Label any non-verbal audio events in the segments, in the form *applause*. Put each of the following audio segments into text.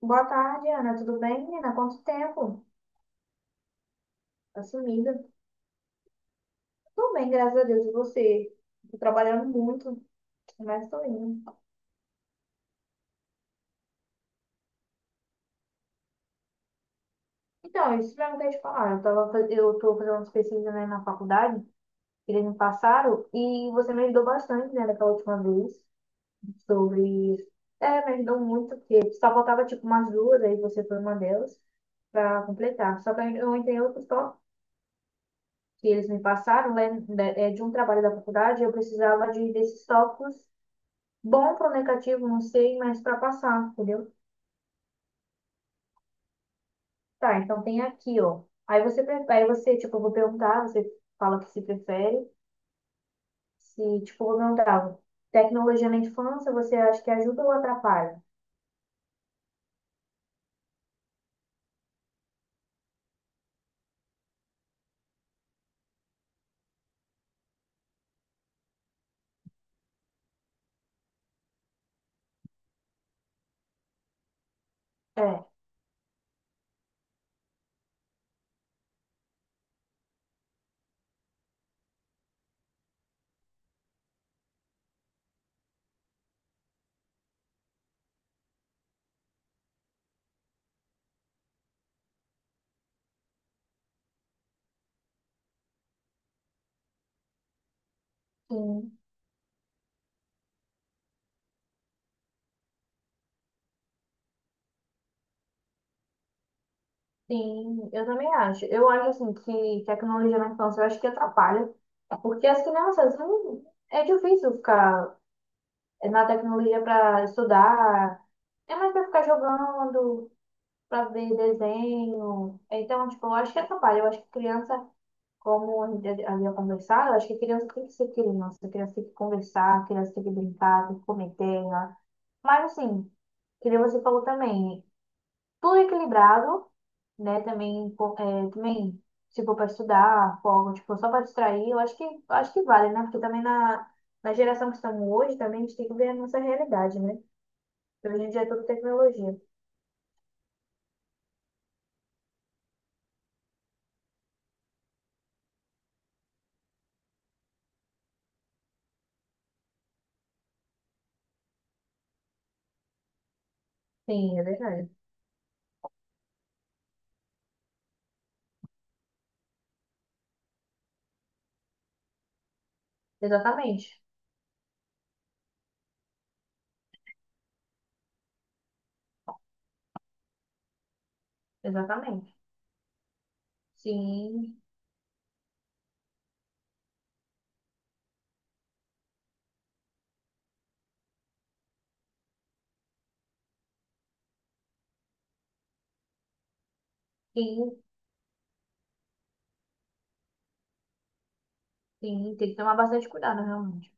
Boa tarde, Ana. Tudo bem, menina? Quanto tempo? Tá sumida. Tudo bem, graças a Deus. E você? Tô trabalhando muito, mas tô indo. Então, isso mesmo que eu ia te falar. Eu tô fazendo umas pesquisas, né, na faculdade, que eles me passaram, e você me ajudou bastante, né, daquela última vez, sobre... É, me ajudou muito, porque só faltava, tipo, umas duas, aí você foi uma delas, pra completar. Só que eu entrei outros tópicos que eles me passaram, né, de um trabalho da faculdade, eu precisava desses tópicos. Bom para o negativo, não sei, mas para passar, entendeu? Tá, então tem aqui, ó. Aí você, tipo, eu vou perguntar, você fala o que se prefere. Se, tipo, eu vou perguntar, tecnologia na infância, você acha que ajuda ou atrapalha? É, sim, sim, eu também acho. Eu acho, assim, que tecnologia na infância, eu acho que atrapalha, porque as crianças, não, é difícil ficar na tecnologia para estudar, é mais para ficar jogando, pra ver desenho. Então, tipo, eu acho que atrapalha. Eu acho que criança, como a gente havia conversado, eu acho que criança tem que ser criança. Criança tem que conversar, criança tem que brincar, tem que comer terra. Mas, assim, que nem você falou também, tudo é equilibrado, né? Também, pô, é, também se for para estudar, folga, tipo, só para distrair, eu acho que vale, né? Porque também na geração que estamos hoje, também a gente tem que ver a nossa realidade, né? Porque hoje em dia é tudo tecnologia. Sim, é verdade. Exatamente. Exatamente. Sim, sim, sim, tem que tomar bastante cuidado, realmente.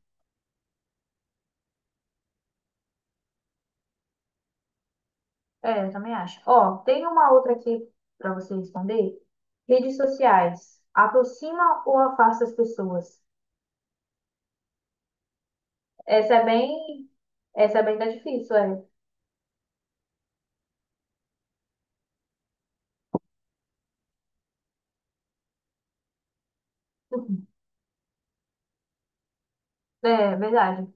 É, eu também acho. Ó, tem uma outra aqui para você responder. Redes sociais, aproxima ou afasta as pessoas? Essa é bem, Essa é bem tá difícil, é. *laughs* É, verdade.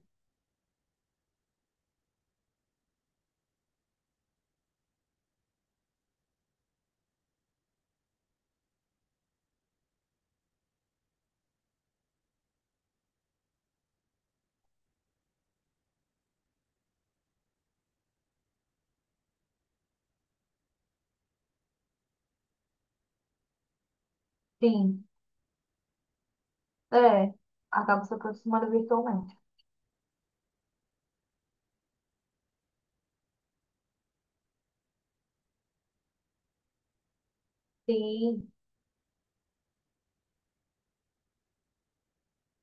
Sim, é. Acaba se aproximando virtualmente. Sim.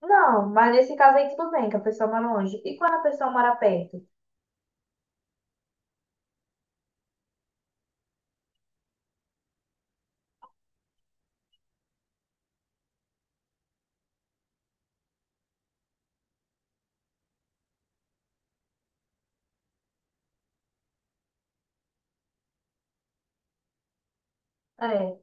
Não, mas nesse caso aí tudo bem, que a pessoa mora longe. E quando a pessoa mora perto? É,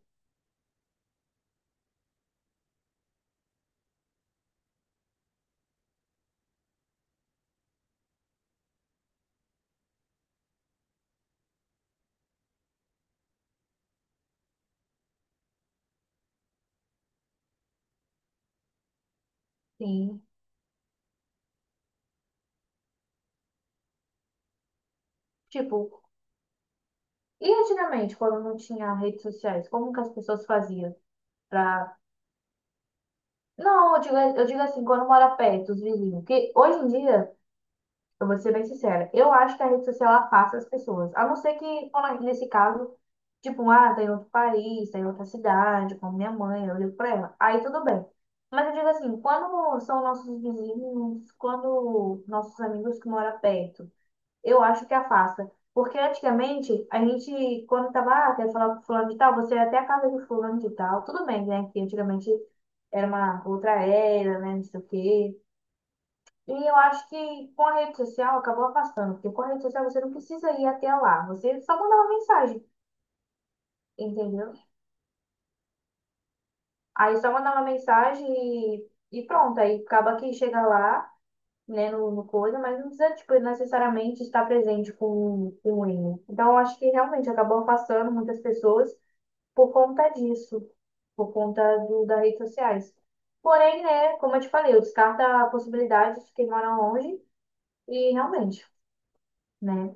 sim. Tipo, E antigamente, quando não tinha redes sociais, como que as pessoas faziam pra... Não, eu digo assim, quando mora perto, os vizinhos. Que hoje em dia, eu vou ser bem sincera, eu acho que a rede social afasta as pessoas. A não ser que, quando- nesse caso, tipo, ah, tá em outro país, tá em outra cidade, como minha mãe, eu ligo pra ela. Aí tudo bem. Mas eu digo assim, quando são nossos vizinhos, quando nossos amigos que moram perto, eu acho que afasta. Porque antigamente, a gente, quando tava, ah, quer falar com fulano de tal, você ia até a casa de fulano de tal. Tudo bem, né? Que antigamente era uma outra era, né? Não sei o quê. E eu acho que com a rede social acabou afastando. Porque com a rede social você não precisa ir até lá. Você só manda uma mensagem, entendeu? Aí só manda uma mensagem e pronto. Aí acaba que chega lá, né, no coisa, mas não precisa, tipo, necessariamente estar presente com o hino. Então, eu acho que realmente acabou afastando muitas pessoas por conta disso, por conta do, das redes sociais. Porém, né, como eu te falei, eu descarto a possibilidade de quem mora longe e realmente, né,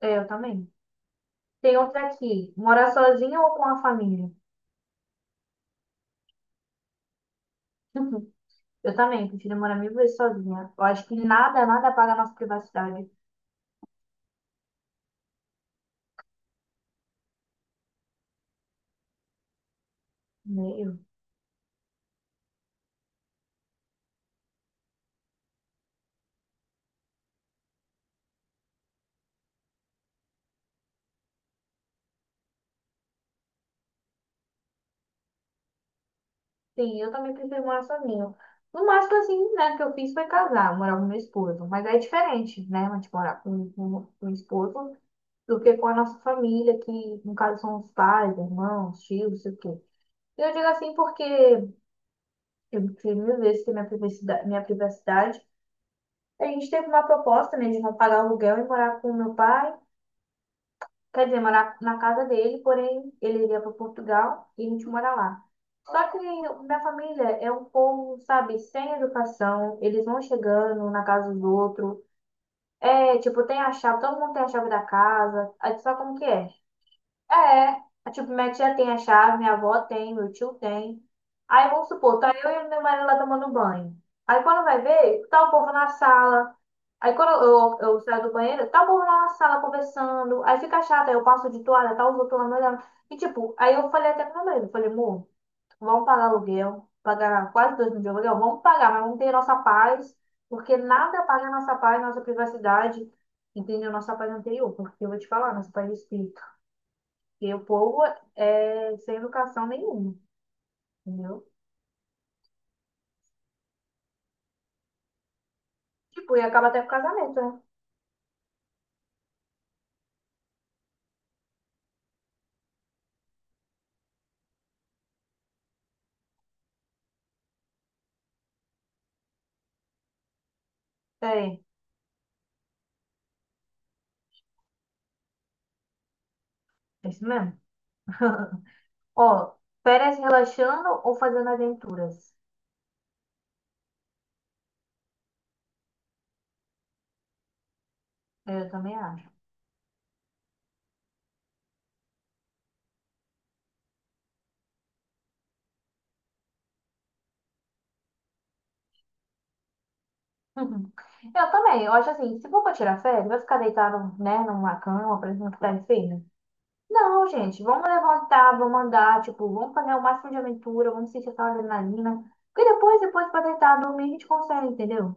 é, eu também. Tem outra aqui, morar sozinha ou com a família? *laughs* Eu também, prefiro morar mil vezes sozinha. Eu acho que nada, nada apaga a nossa privacidade, né? Sim, eu também prefiro morar sozinho. No máximo, assim, né, que eu fiz foi casar, morar com meu esposo. Mas é diferente, né, a gente morar com o esposo do que com a nossa família, que no caso são os pais, irmãos, tios, não sei o quê. Eu digo assim porque eu prefiro mil vezes ter minha privacidade, minha privacidade. A gente teve uma proposta, né, de não pagar aluguel e morar com meu pai. Quer dizer, morar na casa dele, porém ele iria para Portugal e a gente mora lá. Só que minha família é um povo, sabe, sem educação, eles vão chegando um na casa dos outros. É, tipo, tem a chave, todo mundo tem a chave da casa. Aí, sabe como que é? É, a tipo, minha tia tem a chave, minha avó tem, meu tio tem. Aí vamos supor, tá eu e meu marido lá tomando banho. Aí quando vai ver, tá o povo na sala. Aí quando eu saio do banheiro, tá o povo lá na sala conversando. Aí fica chato, aí eu passo de toalha, tá os outros lá me olhando. E tipo, aí eu falei até pro meu marido, falei, amor, vamos pagar aluguel, pagar quase 2.000 de aluguel, vamos pagar, mas vamos ter nossa paz, porque nada paga nossa paz, nossa privacidade, entendeu? Nossa paz anterior, porque eu vou te falar, nossa paz de espírito. E o povo é sem educação nenhuma, entendeu? Tipo, e acaba até com casamento, né? É, é isso mesmo. *laughs* Ó, férias relaxando ou fazendo aventuras? Eu também acho. *laughs* Eu também, eu acho assim, se for pra tirar férias, vai ficar deitado, né, numa cama, por exemplo, que tá enfermo. Não, gente, vamos levantar, vamos andar, tipo, vamos fazer o máximo de aventura, vamos sentir essa adrenalina. Porque depois, depois pra deitar, dormir, a gente consegue, entendeu?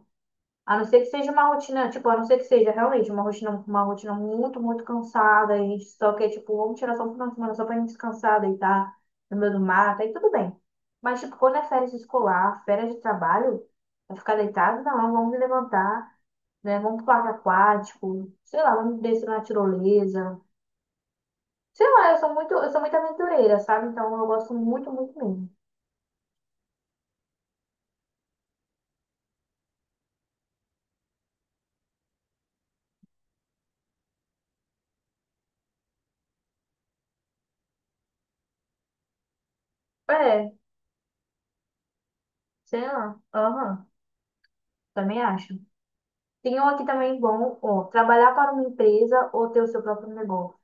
A não ser que seja uma rotina, tipo, a não ser que seja realmente uma rotina muito, muito cansada, e a gente só quer, tipo, vamos tirar só um final de semana só pra gente descansar, deitar no meio do mato, aí tudo bem. Mas, tipo, quando é férias escolar, férias de trabalho, vai ficar deitado, não, vamos levantar, né? Vamos pro parque aquático, sei lá, vamos descer na tirolesa. Sei lá, eu sou muito aventureira, sabe? Então eu gosto muito, muito mesmo. É, sei lá. Aham, também acho. Tem um aqui também bom, ó, trabalhar para uma empresa ou ter o seu próprio negócio.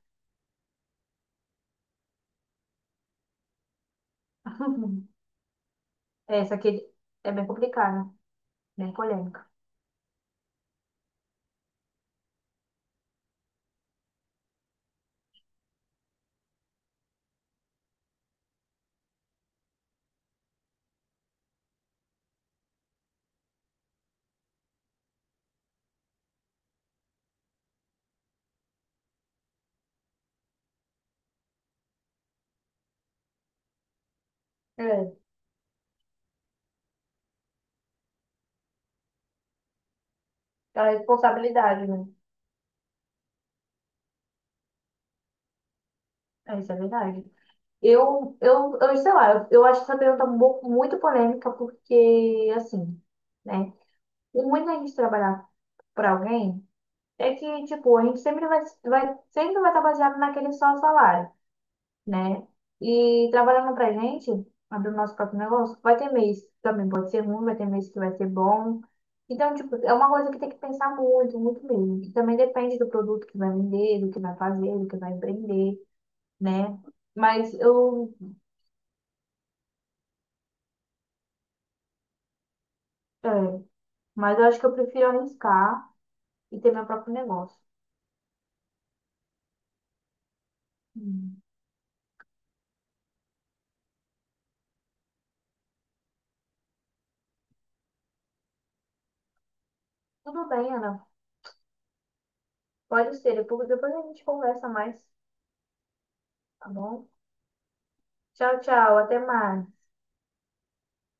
*laughs* É, essa aqui é bem complicada, bem polêmica. É, a responsabilidade, né? É, isso é verdade. Eu sei lá, eu acho essa pergunta muito polêmica porque, assim, né? O ruim da gente trabalhar para alguém é que, tipo, a gente sempre vai estar baseado naquele só salário, né? E trabalhando pra gente, abrindo nosso próprio negócio, vai ter mês que também, pode ser ruim, vai ter mês que vai ser bom. Então, tipo, é uma coisa que tem que pensar muito, muito mesmo. E também depende do produto que vai vender, do que vai fazer, do que vai empreender, né? Mas eu, é, mas eu acho que eu prefiro arriscar e ter meu próprio negócio. Hum. Tudo bem, Ana. Pode ser. Depois, depois a gente conversa mais, tá bom? Tchau, tchau. Até mais.